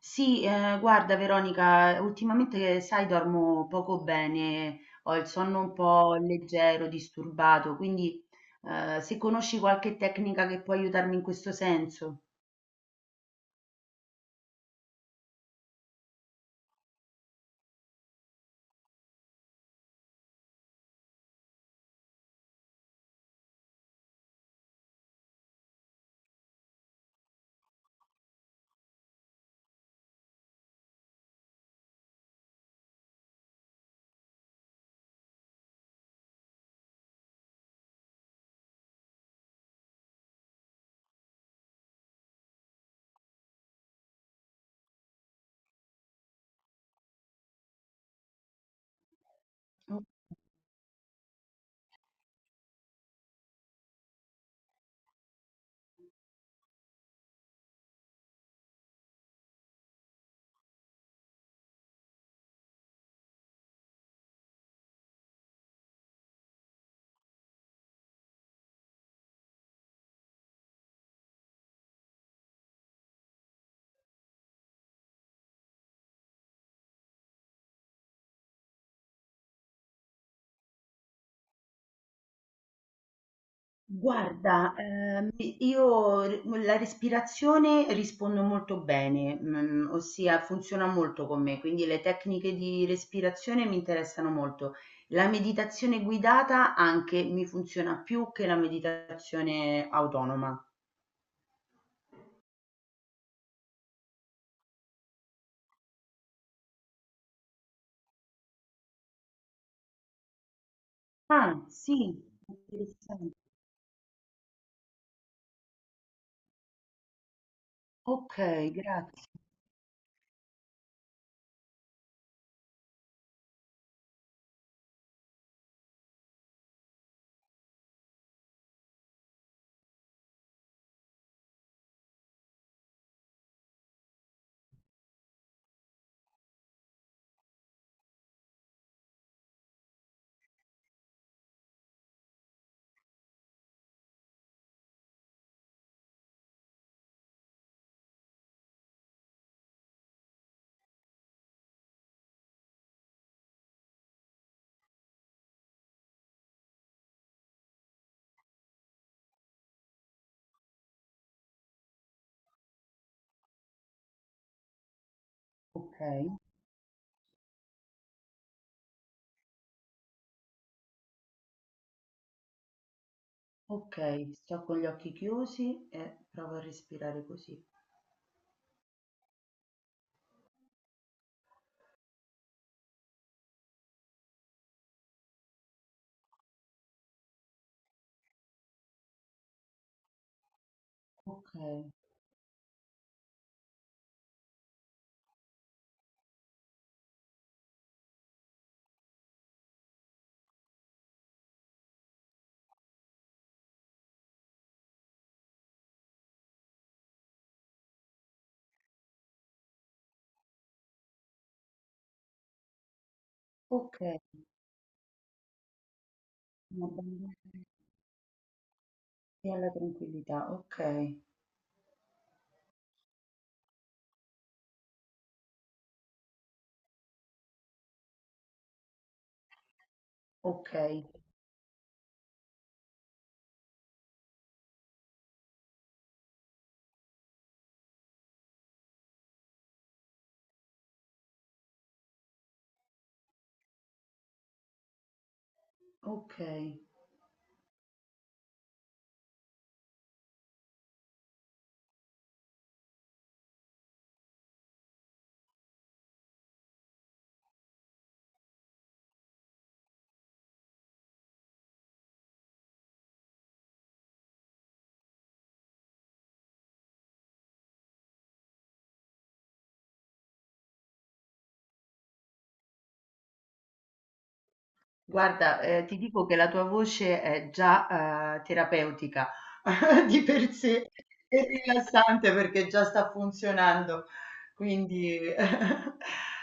Sì, guarda Veronica, ultimamente sai dormo poco bene, ho il sonno un po' leggero, disturbato, quindi se conosci qualche tecnica che può aiutarmi in questo senso. Guarda, la respirazione rispondo molto bene, ossia funziona molto con me, quindi le tecniche di respirazione mi interessano molto. La meditazione guidata anche mi funziona più che la meditazione autonoma. Ah, sì, interessante. Ok, grazie. Ok, ok, sto con gli occhi chiusi e provo a respirare così. Ok, ok, una bella alla tranquillità. Ok, ok, ok. Guarda, ti dico che la tua voce è già, terapeutica di per sé e rilassante perché già sta funzionando. Quindi,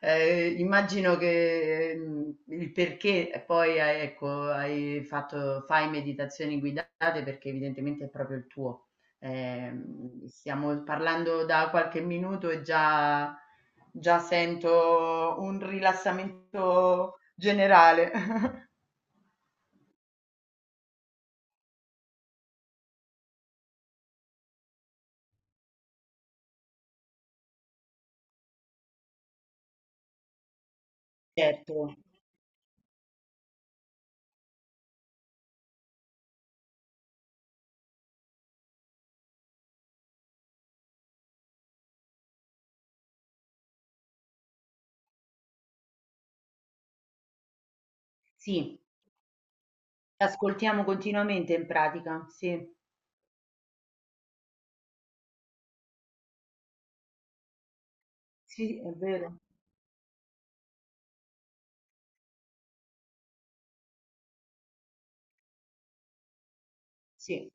immagino che, il perché poi hai ecco, hai fatto fai meditazioni guidate perché evidentemente è proprio il tuo. Stiamo parlando da qualche minuto e già sento un rilassamento generale. Certo, sì, ascoltiamo continuamente in pratica, sì, sì, è vero, sì,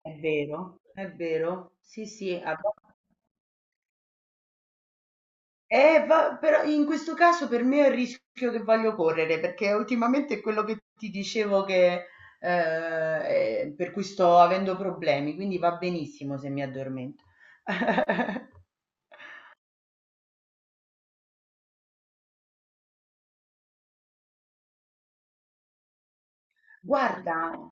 è vero, sì, sì. Però in questo caso per me è il rischio che voglio correre, perché ultimamente è quello che ti dicevo che per cui sto avendo problemi, quindi va benissimo se mi addormento. Guarda.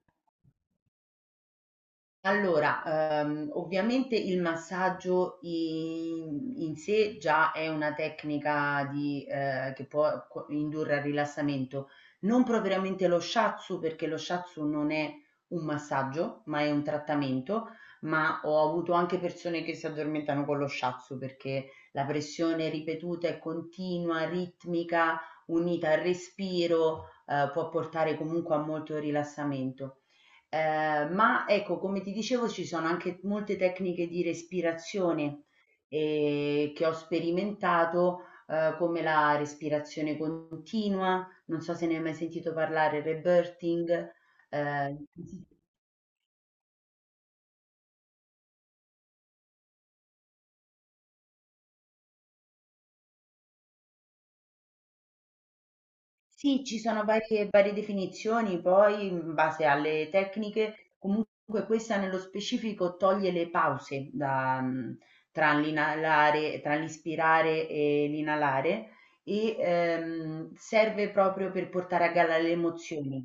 Allora, ovviamente il massaggio in sé già è una tecnica di che può co indurre al rilassamento. Non propriamente lo shiatsu, perché lo shiatsu non è un massaggio, ma è un trattamento, ma ho avuto anche persone che si addormentano con lo shiatsu, perché la pressione ripetuta e continua, ritmica, unita al respiro, può portare comunque a molto rilassamento. Ma ecco, come ti dicevo, ci sono anche molte tecniche di respirazione, che ho sperimentato, come la respirazione continua, non so se ne hai mai sentito parlare, rebirthing, ehm Sì, ci sono varie definizioni, poi in base alle tecniche, comunque questa nello specifico toglie le pause da, tra l'inalare, tra l'ispirare e l'inalare e serve proprio per portare a galla le emozioni.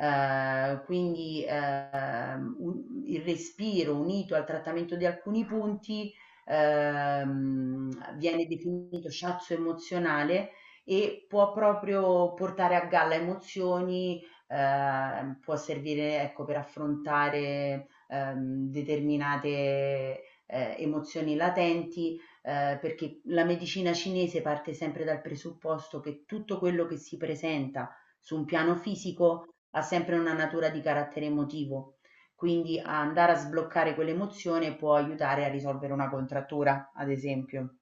Quindi il respiro unito al trattamento di alcuni punti viene definito shiatsu emozionale e può proprio portare a galla emozioni, può servire ecco, per affrontare determinate emozioni latenti, perché la medicina cinese parte sempre dal presupposto che tutto quello che si presenta su un piano fisico ha sempre una natura di carattere emotivo, quindi a andare a sbloccare quell'emozione può aiutare a risolvere una contrattura, ad esempio.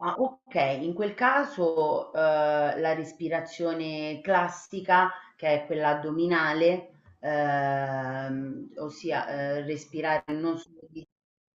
Ah, ok, in quel caso, la respirazione classica, che è quella addominale, ossia respirare non solo di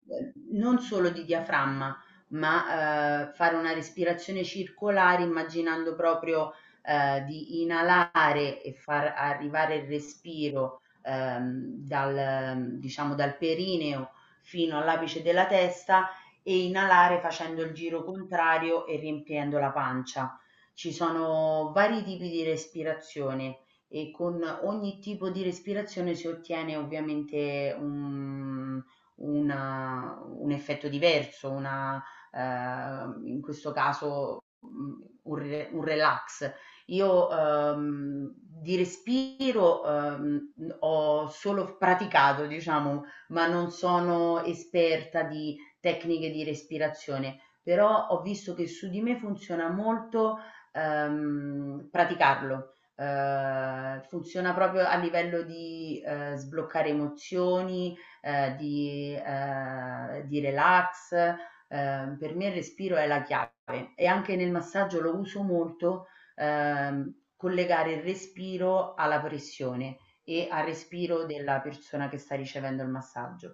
Non solo di diaframma, ma, fare una respirazione circolare immaginando proprio, di inalare e far arrivare il respiro, dal diciamo dal perineo fino all'apice della testa e inalare facendo il giro contrario e riempiendo la pancia. Ci sono vari tipi di respirazione e con ogni tipo di respirazione si ottiene ovviamente un effetto diverso, una in questo caso, un relax. Io, di respiro, ho solo f praticato, diciamo, ma non sono esperta di tecniche di respirazione, però ho visto che su di me funziona molto, praticarlo. Funziona proprio a livello di, sbloccare emozioni, di relax, per me il respiro è la chiave e anche nel massaggio lo uso molto, collegare il respiro alla pressione e al respiro della persona che sta ricevendo il massaggio.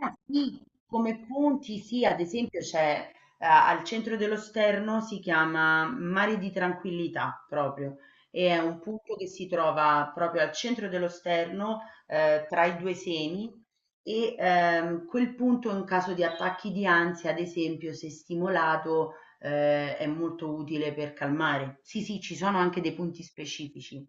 Ah, sì, come punti, sì, ad esempio c'è al centro dello Sterno si chiama Mare di Tranquillità proprio e è un punto che si trova proprio al centro dello Sterno tra i due semi e quel punto in caso di attacchi di ansia, ad esempio, se stimolato è molto utile per calmare. Sì, sì, ci sono anche dei punti specifici.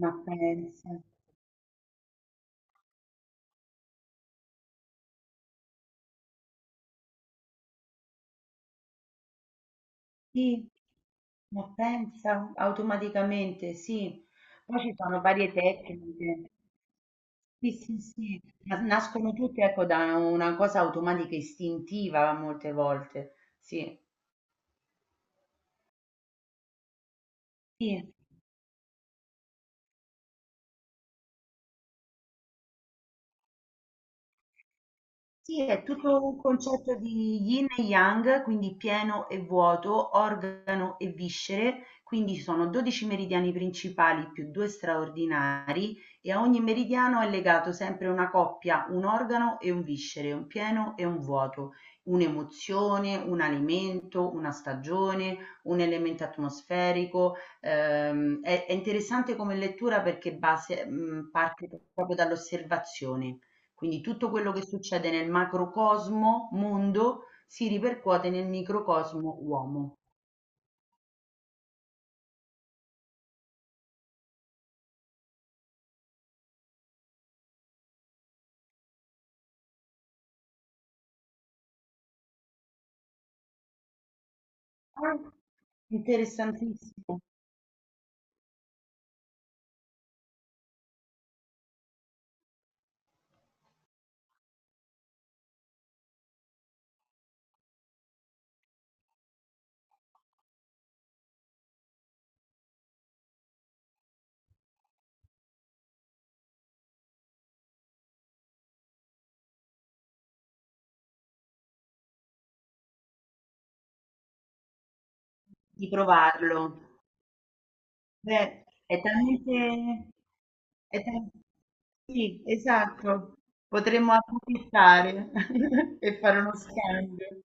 Ma pensa. Sì, ma pensa, automaticamente, sì. Poi ci sono varie tecniche. Sì, sì, sì, ma nascono tutte, ecco, da una cosa automatica, istintiva molte volte. Sì, sì. Sì, è tutto un concetto di yin e yang, quindi pieno e vuoto, organo e viscere, quindi ci sono 12 meridiani principali più due straordinari e a ogni meridiano è legato sempre una coppia, un organo e un viscere, un pieno e un vuoto, un'emozione, un alimento, una stagione, un elemento atmosferico. È, è interessante come lettura perché parte proprio dall'osservazione. Quindi tutto quello che succede nel macrocosmo mondo si ripercuote nel microcosmo uomo. Ah, interessantissimo di provarlo. Beh, è talmente... è tal- Sì, esatto. Potremmo approfittare e fare uno scambio.